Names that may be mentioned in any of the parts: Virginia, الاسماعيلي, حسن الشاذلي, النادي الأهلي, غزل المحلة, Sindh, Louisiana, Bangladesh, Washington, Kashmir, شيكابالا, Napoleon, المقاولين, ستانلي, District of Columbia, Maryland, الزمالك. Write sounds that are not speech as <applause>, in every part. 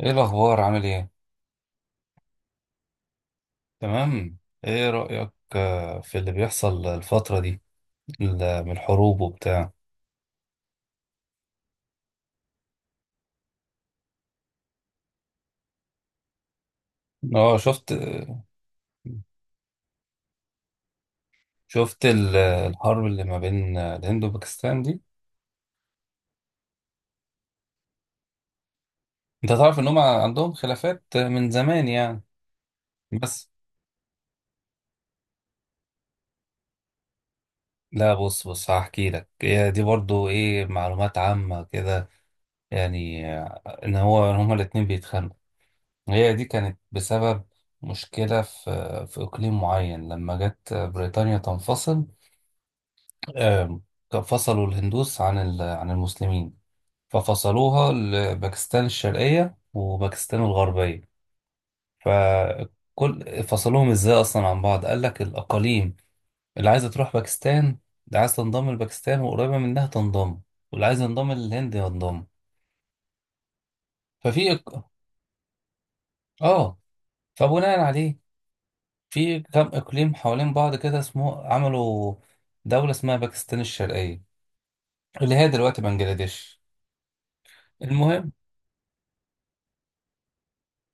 ايه الاخبار؟ عامل ايه؟ تمام. ايه رايك؟ في اللي بيحصل الفتره دي، من الحروب وبتاع. اه، شفت. شفت الحرب اللي ما بين الهند وباكستان دي. انت تعرف ان هم عندهم خلافات من زمان يعني. بس، لا بص بص هحكي لك، هي دي برضو ايه، معلومات عامه كده. يعني ان هو إن هما الاتنين بيتخانقوا. هي دي كانت بسبب مشكله في اقليم معين لما جت بريطانيا تنفصل. آم، فصلوا الهندوس عن عن المسلمين، ففصلوها لباكستان الشرقية وباكستان الغربية. فصلوهم ازاي اصلا عن بعض؟ قال لك الاقاليم اللي عايزة تروح باكستان، اللي عايز تنضم لباكستان وقريبة منها تنضم، واللي عايز ينضم للهند ينضم. ففي إق- اه، فبناء عليه في كام اقليم حوالين بعض كده اسمه، عملوا دولة اسمها باكستان الشرقية اللي هي دلوقتي بنجلاديش. المهم،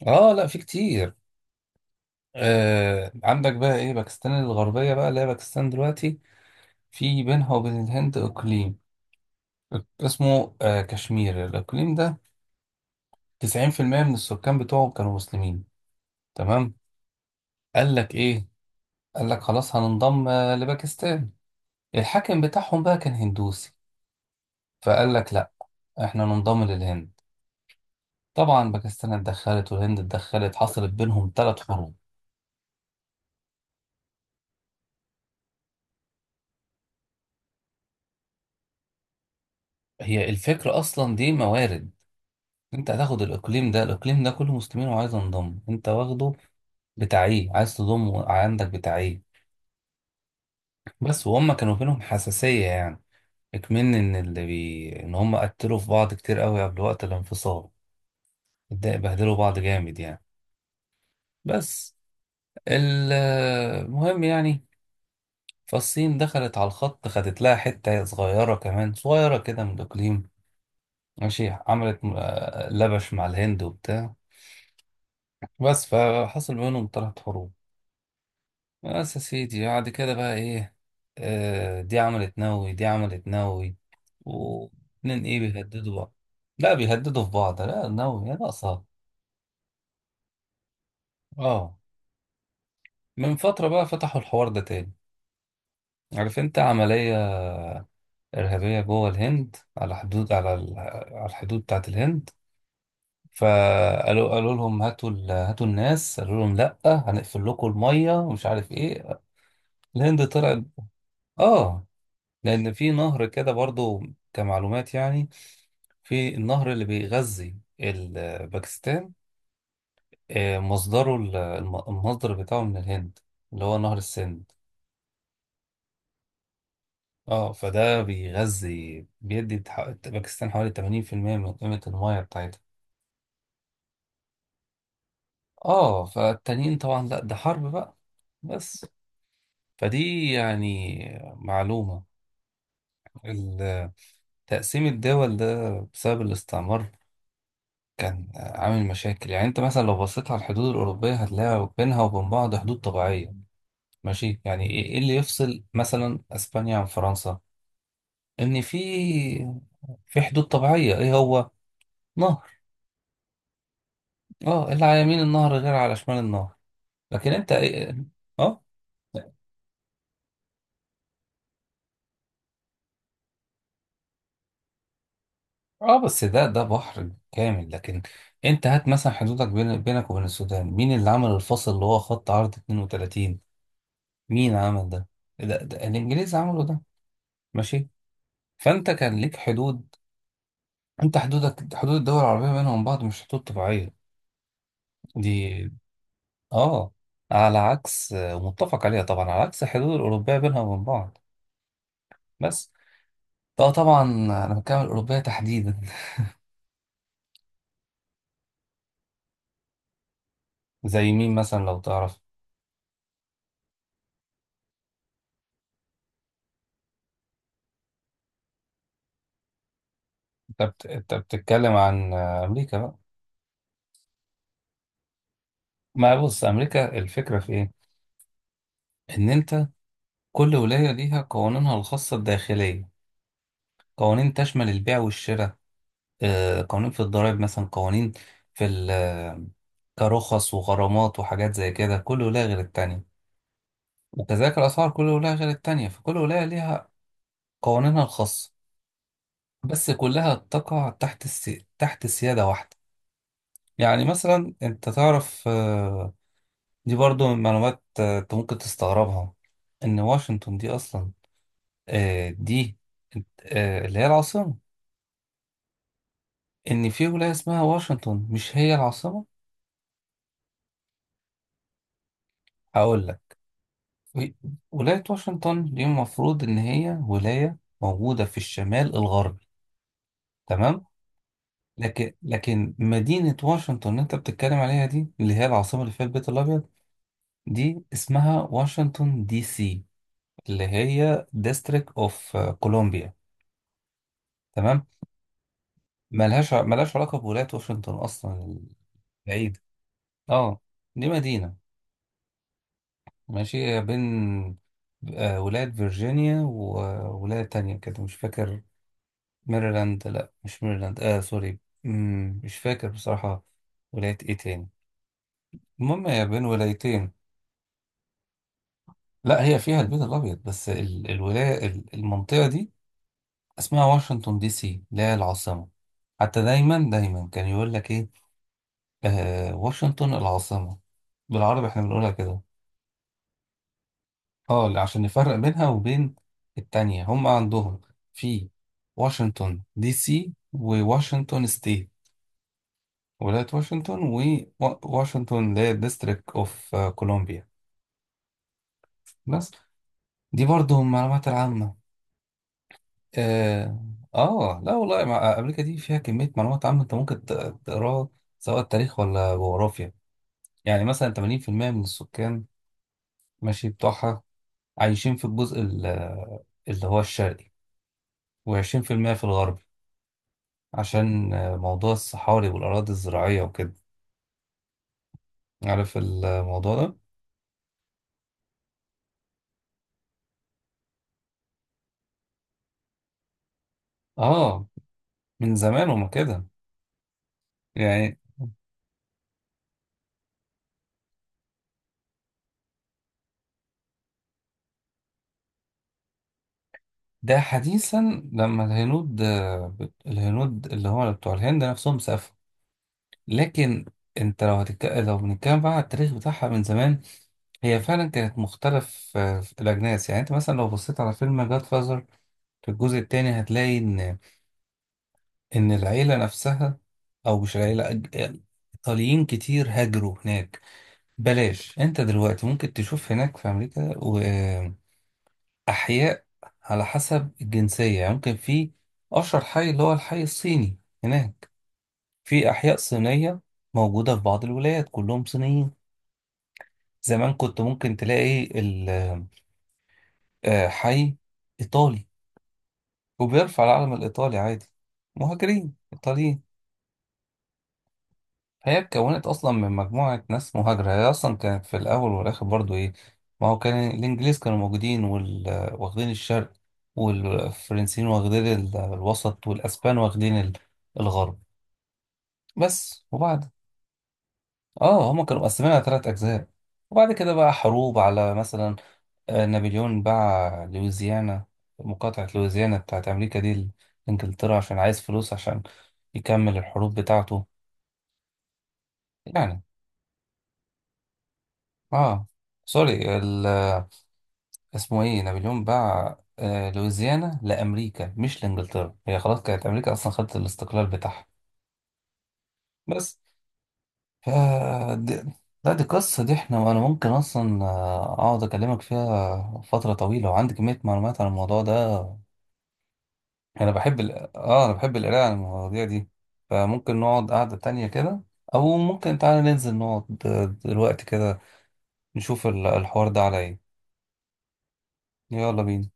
اه لا في كتير. آه، عندك بقى ايه، باكستان الغربية بقى اللي هي باكستان دلوقتي. في بينها وبين الهند اقليم اسمه آه كشمير. الاقليم ده 90% من السكان بتوعه كانوا مسلمين، تمام. قال لك ايه؟ قال لك خلاص هننضم لباكستان. الحاكم بتاعهم بقى كان هندوسي، فقال لك لا، احنا ننضم للهند. طبعا باكستان اتدخلت والهند اتدخلت، حصلت بينهم ثلاث حروب. هي الفكرة اصلا دي موارد، انت هتاخد الاقليم ده، الاقليم ده كله مسلمين وعايز انضم، انت واخده بتاعيه، عايز تضمه عندك بتاعيه. بس وهم كانوا بينهم حساسية يعني، اكمن ان هم قتلوا في بعض كتير قوي قبل وقت الانفصال. بهدلوا بعض جامد يعني. بس. ال- المهم يعني، فالصين دخلت على الخط، خدت لها حتة صغيرة كمان، صغيرة كده من الإقليم، ماشي. عملت لبش مع الهند وبتاع. بس فحصل بينهم، طلعت حروب. بس يا سيدي بعد كده بقى ايه؟ آه، دي عملت نووي، دي عملت نووي، واتنين ايه بيهددوا بعض. لا بيهددوا في بعض، لا نووي يا ناقصة. اه. من فترة بقى فتحوا الحوار ده تاني. عارف انت عملية إرهابية جوه الهند على حدود، على على الحدود بتاعت الهند. فقالوا، قالوا لهم هاتوا هاتوا الناس، قالوا لهم لا، هنقفل لكم المية ومش عارف ايه. الهند طلعت اه، لأن في نهر كده برضو، كمعلومات يعني. في النهر اللي بيغذي باكستان، مصدره المصدر بتاعه من الهند، اللي هو نهر السند. اه، فده بيغذي باكستان حوالي 80% من قيمة المياه بتاعتها. اه فالتانيين طبعا لا، ده حرب بقى. بس، فدي يعني معلومة. ال- تقسيم الدول ده بسبب الاستعمار كان عامل مشاكل. يعني انت مثلا لو بصيت على الحدود الأوروبية هتلاقي بينها وبين بعض حدود طبيعية، ماشي. يعني إيه اللي يفصل مثلا اسبانيا عن فرنسا؟ ان في حدود طبيعية، ايه هو؟ نهر. اه، اللي على يمين النهر غير على شمال النهر. لكن انت ايه. اه. اه، بس ده بحر كامل، لكن انت هات مثلا حدودك بينك وبين السودان، مين اللي عمل الفصل اللي هو خط عرض 32؟ مين عمل ده؟ ده الانجليز عملوا ده، ماشي. فانت كان ليك حدود، انت حدودك، حدود الدول العربيه بينهم بعض، مش حدود طبيعيه دي. اه، على عكس متفق عليها، طبعا على عكس الحدود الاوروبيه بينها وبين بعض. بس. اه طبعا انا بتكلم عن الاوروبيه تحديدا. <laughs> زي مين مثلا لو تعرف؟ انت بتتكلم عن امريكا بقى. ما بص، امريكا الفكره في ايه، ان انت كل ولايه ليها قوانينها الخاصه الداخليه، قوانين تشمل البيع والشراء، قوانين في الضرائب مثلا، قوانين في كرخص وغرامات وحاجات زي كده، كل ولاية غير التانية، وكذلك الأسعار كل ولاية غير التانية، فكل ولاية ليها قوانينها الخاصة. بس كلها تقع تحت تحت سيادة واحدة. يعني مثلا أنت تعرف دي برضو من معلومات أنت ممكن تستغربها، إن واشنطن دي أصلا، آه، دي آه، اللي هي العاصمة، إن في ولاية اسمها واشنطن مش هي العاصمة. هقول لك. ولاية واشنطن دي المفروض إن هي ولاية موجودة في الشمال الغربي، تمام. لكن مدينة واشنطن اللي أنت بتتكلم عليها دي، اللي هي العاصمة اللي فيها البيت الأبيض، دي اسمها واشنطن دي سي اللي هي ديستريكت أوف كولومبيا، تمام. ملهاش علاقة بولاية واشنطن أصلا، بعيدة. اه، دي مدينة، ماشي. هي بين ولاية فيرجينيا وولاية تانية كده مش فاكر، ميرلاند، لا مش ميرلاند. اه سوري، مش فاكر بصراحة ولاية ايه تاني. المهم هي بين ولايتين. لا هي فيها البيت الأبيض، بس المنطقة دي اسمها واشنطن دي سي اللي هي العاصمة. حتى دايما دايما كان يقول لك ايه، آه، واشنطن العاصمة، بالعربي احنا بنقولها كده. اه، عشان نفرق بينها وبين التانية. هم عندهم في واشنطن دي سي وواشنطن ستيت، ولاية واشنطن، وواشنطن اللي هي الديستريكت اوف كولومبيا. بس. دي برضه المعلومات العامة. اه. لا والله، امريكا دي فيها كمية معلومات عامة انت ممكن تقراها، سواء تاريخ ولا جغرافيا. يعني مثلا 80% من السكان ماشي بتوعها عايشين في الجزء اللي هو الشرقي، و20% في المية في الغربي، عشان موضوع الصحاري والأراضي الزراعية وكده. عارف الموضوع ده؟ اه. من زمان هما كده يعني. ده حديثا لما الهنود، اللي هم بتوع الهند نفسهم سافروا. لكن انت لو لو بنتكلم بقى على التاريخ بتاعها من زمان، هي فعلا كانت مختلف في الاجناس. يعني انت مثلا لو بصيت على فيلم جاد فازر في الجزء الثاني، هتلاقي ان العيله نفسها، او مش العيله ايطاليين كتير هاجروا هناك. بلاش، انت دلوقتي ممكن تشوف هناك في امريكا أحياء على حسب الجنسية. يعني ممكن في أشهر حي اللي هو الحي الصيني هناك، في أحياء صينية موجودة في بعض الولايات كلهم صينيين. زمان كنت ممكن تلاقي حي إيطالي وبيرفع العلم الإيطالي عادي، مهاجرين إيطاليين. هي اتكونت اصلا من مجموعه ناس مهاجره، هي اصلا كانت في الاول والاخر برضو ايه. ما هو كان الانجليز كانوا موجودين واخدين الشرق، والفرنسيين واخدين الوسط، والاسبان واخدين الغرب. بس. وبعد اه، هما كانوا مقسمين على ثلاث اجزاء. وبعد كده بقى حروب على، مثلا نابليون باع لويزيانا، مقاطعه لويزيانا بتاعت امريكا دي، لانجلترا عشان عايز فلوس عشان يكمل الحروب بتاعته يعني. اه سوري، اسمه ايه، نابليون باع لويزيانا لامريكا مش لانجلترا. هي خلاص كانت امريكا اصلا خدت الاستقلال بتاعها. بس. ف. دي- لا دي قصة، دي احنا، انا ممكن اصلا اقعد اكلمك فيها فترة طويلة وعندي كمية معلومات عن الموضوع ده. انا بحب اه انا بحب القراءة عن المواضيع دي. فممكن نقعد قعدة تانية كده، او ممكن تعالى ننزل نقعد دلوقتي كده، نشوف الحوار ده على ايه. يلا بينا.